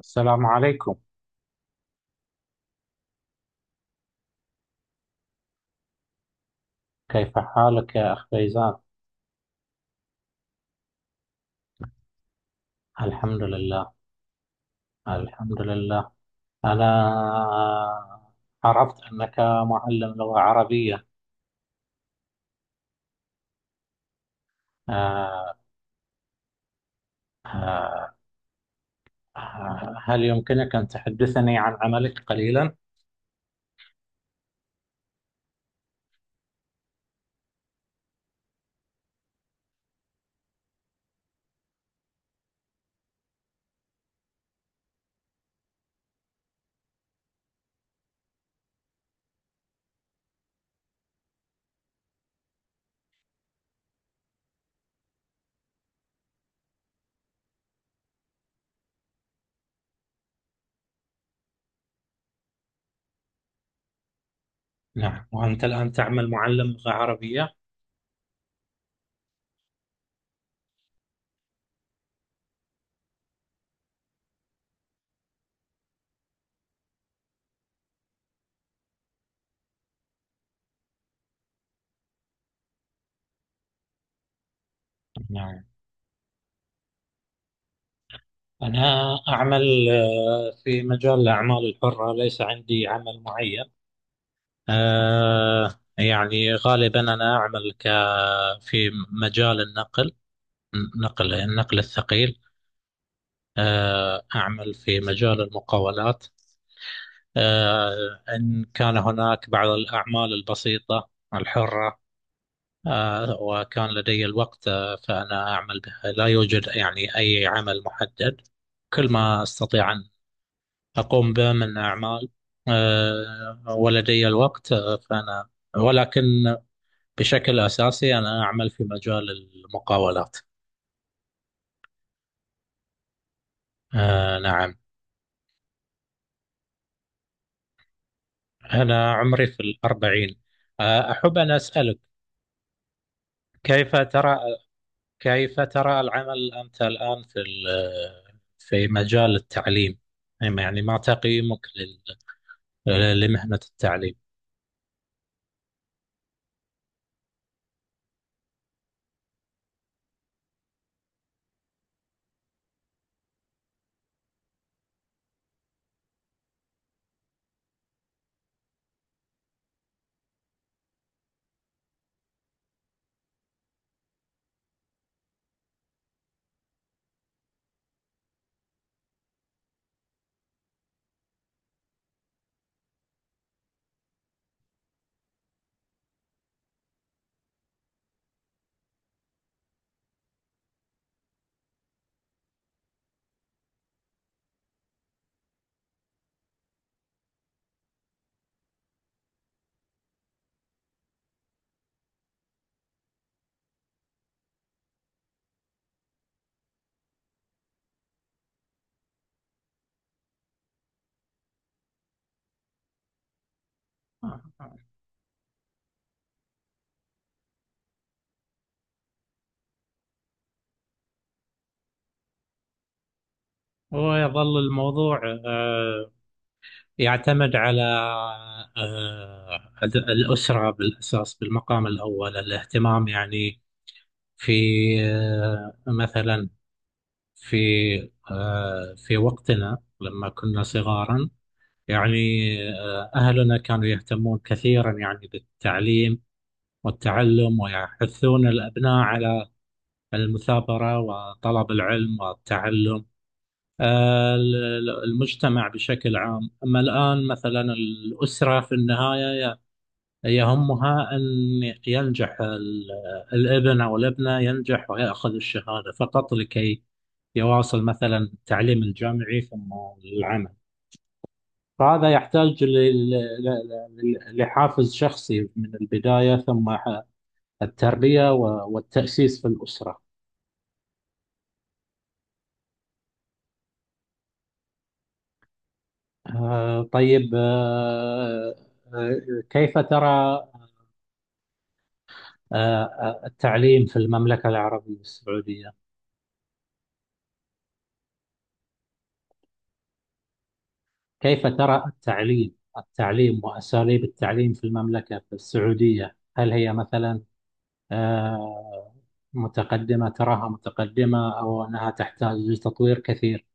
السلام عليكم. كيف حالك يا أخ فيزان؟ الحمد لله، الحمد لله. أنا عرفت أنك معلم لغة عربية. آه، آه، هل يمكنك أن تحدثني عن عملك قليلا؟ نعم. وأنت الآن تعمل معلم لغة عربية؟ نعم، أنا أعمل في مجال الأعمال الحرة، ليس عندي عمل معين. آه، يعني غالبا أنا أعمل ك في مجال النقل، النقل الثقيل. أعمل في مجال المقاولات. إن كان هناك بعض الأعمال البسيطة الحرة وكان لدي الوقت، فأنا أعمل بها، لا يوجد يعني أي عمل محدد، كل ما أستطيع أن أقوم به من أعمال ولدي الوقت فأنا، ولكن بشكل أساسي أنا أعمل في مجال المقاولات. نعم. أنا عمري في الأربعين. أحب أن أسألك، كيف ترى كيف ترى العمل أنت الآن في في مجال التعليم. يعني ما تقييمك لمهنة التعليم؟ هو يظل الموضوع يعتمد على الأسرة بالأساس، بالمقام الأول الاهتمام يعني، في آه، مثلا في في وقتنا لما كنا صغارا، يعني أهلنا كانوا يهتمون كثيرا يعني بالتعليم والتعلم، ويحثون الأبناء على المثابرة وطلب العلم والتعلم. المجتمع بشكل عام. أما الآن مثلا الأسرة في النهاية يهمها أن ينجح الابن أو الابنة، ينجح ويأخذ الشهادة فقط لكي يواصل مثلا التعليم الجامعي ثم العمل. فهذا يحتاج لحافز شخصي من البداية، ثم التربية والتأسيس في الأسرة. طيب. آه، كيف ترى التعليم في المملكة العربية السعودية؟ كيف ترى التعليم وأساليب التعليم في المملكة في السعودية؟ هل هي مثلا آه، متقدمة، تراها متقدمة أو أنها تحتاج لتطوير كثير؟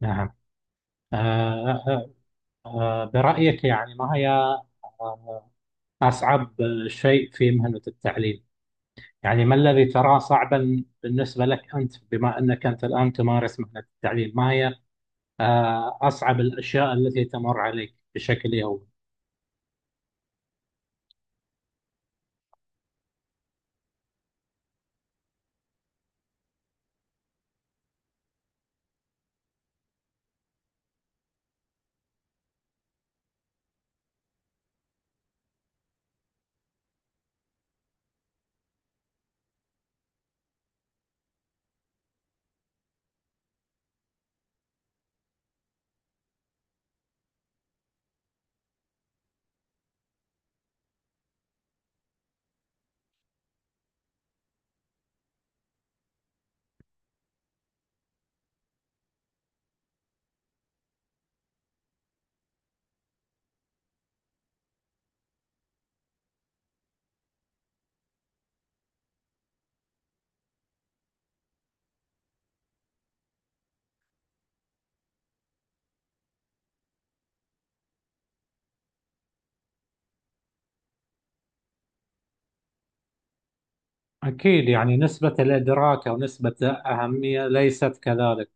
نعم. آه، آه، برأيك يعني، ما هي آه، أصعب شيء في مهنة التعليم؟ يعني ما الذي تراه صعبا بالنسبة لك أنت، بما أنك أنت الآن تمارس مهنة التعليم؟ ما هي أصعب الأشياء التي تمر عليك بشكل يومي؟ أكيد، يعني نسبة الإدراك أو نسبة الأهمية ليست كذلك،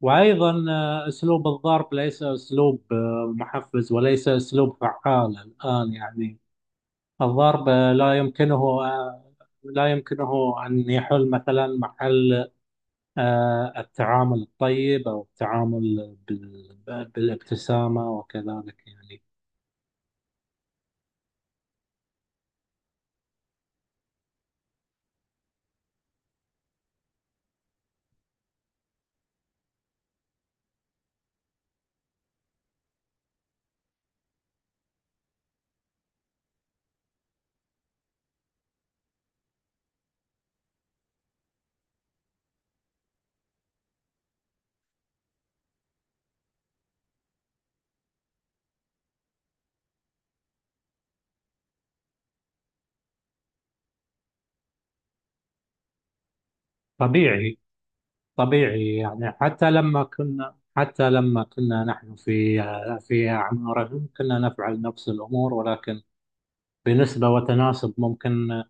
وأيضا أسلوب الضرب ليس أسلوب محفز وليس أسلوب فعال الآن، يعني الضرب لا يمكنه أن يحل مثلا محل التعامل الطيب أو التعامل بالابتسامة وكذلك يعني. طبيعي، طبيعي، يعني حتى لما كنا نحن في، في أعمارهم كنا نفعل نفس الأمور، ولكن بنسبة وتناسب، ممكن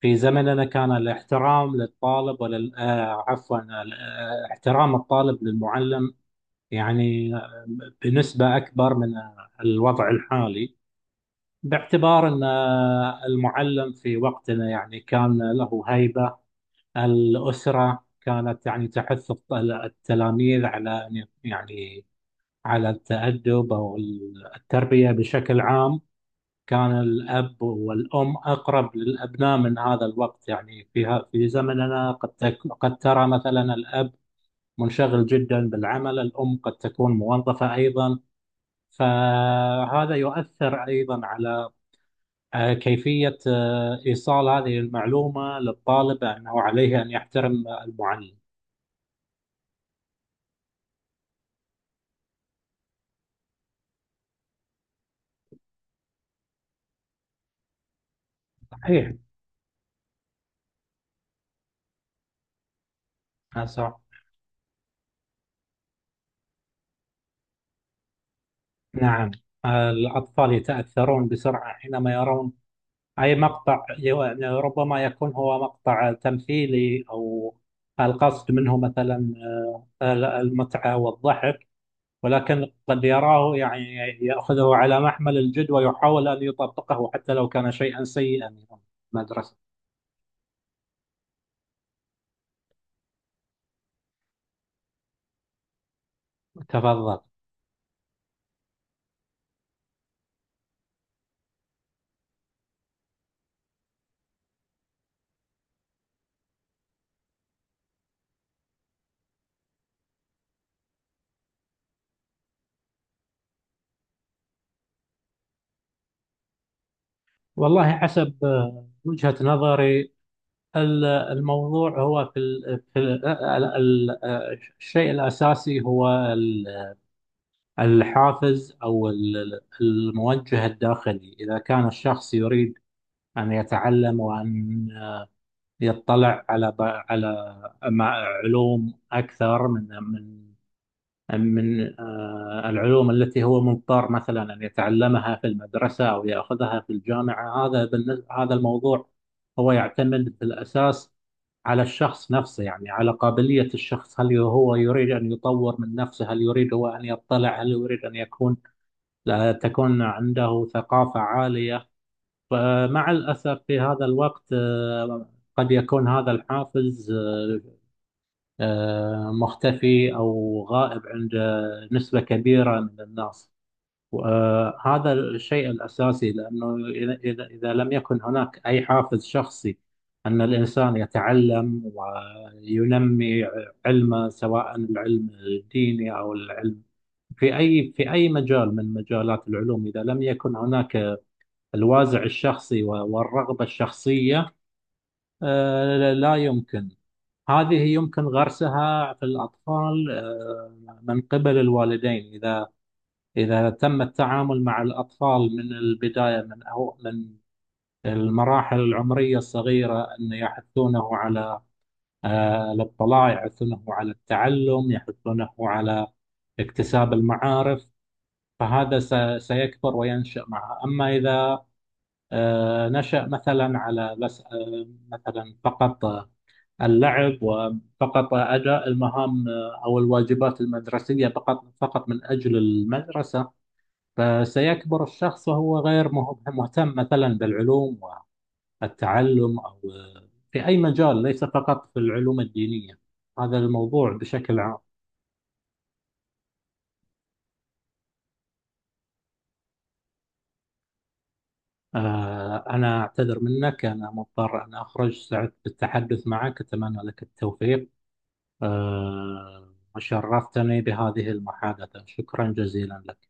في زمننا كان الاحترام للطالب ولل آه، عفوا، احترام الطالب للمعلم، يعني بنسبة أكبر من الوضع الحالي، باعتبار أن المعلم في وقتنا يعني كان له هيبة. الأسرة كانت يعني تحث التلاميذ على يعني على التأدب أو التربية بشكل عام. كان الأب والأم أقرب للأبناء من هذا الوقت، يعني في زمننا، قد قد ترى مثلا الأب منشغل جدا بالعمل، الأم قد تكون موظفة أيضا، فهذا يؤثر أيضا على كيفية إيصال هذه المعلومة للطالب أنه عليه أن يحترم المعلم. صحيح. أسع- نعم. الأطفال يتأثرون بسرعة حينما يرون أي مقطع، يعني ربما يكون هو مقطع تمثيلي، أو القصد منه مثلا المتعة والضحك، ولكن قد يراه يعني، يأخذه على محمل الجد ويحاول أن يطبقه حتى لو كان شيئا سيئا من المدرسة. تفضل. والله حسب وجهة نظري، الموضوع هو في, ال في ال ال ال الشيء الأساسي هو الحافز أو الموجه الداخلي. إذا كان الشخص يريد أن يتعلم وأن يطلع على علوم أكثر من العلوم التي هو مضطر مثلا أن يتعلمها في المدرسة أو يأخذها في الجامعة. هذا الموضوع هو يعتمد في الأساس على الشخص نفسه، يعني على قابلية الشخص، هل هو يريد أن يطور من نفسه، هل يريد هو أن يطلع، هل يريد أن يكون، لا تكون عنده ثقافة عالية. فمع الأسف في هذا الوقت قد يكون هذا الحافز مختفي أو غائب عند نسبة كبيرة من الناس، وهذا الشيء الأساسي. لأنه إذا لم يكن هناك أي حافز شخصي أن الإنسان يتعلم وينمي علمه، سواء العلم الديني أو العلم في أي مجال من مجالات العلوم، إذا لم يكن هناك الوازع الشخصي والرغبة الشخصية، لا يمكن. هذه يمكن غرسها في الأطفال من قبل الوالدين، إذا تم التعامل مع الأطفال من البداية، من أو من المراحل العمرية الصغيرة، أن يحثونه على الاطلاع، يحثونه على التعلم، يحثونه على اكتساب المعارف، فهذا سيكبر وينشأ معه. أما إذا نشأ مثلا على بس مثلا فقط اللعب، وفقط أداء المهام أو الواجبات المدرسية، فقط من أجل المدرسة، فسيكبر الشخص وهو غير مهتم مثلا بالعلوم والتعلم أو في أي مجال، ليس فقط في العلوم الدينية. هذا الموضوع بشكل عام. أنا أعتذر منك، أنا مضطر أن أخرج، سعدت بالتحدث معك، أتمنى لك التوفيق وشرفتني بهذه المحادثة، شكرا جزيلا لك.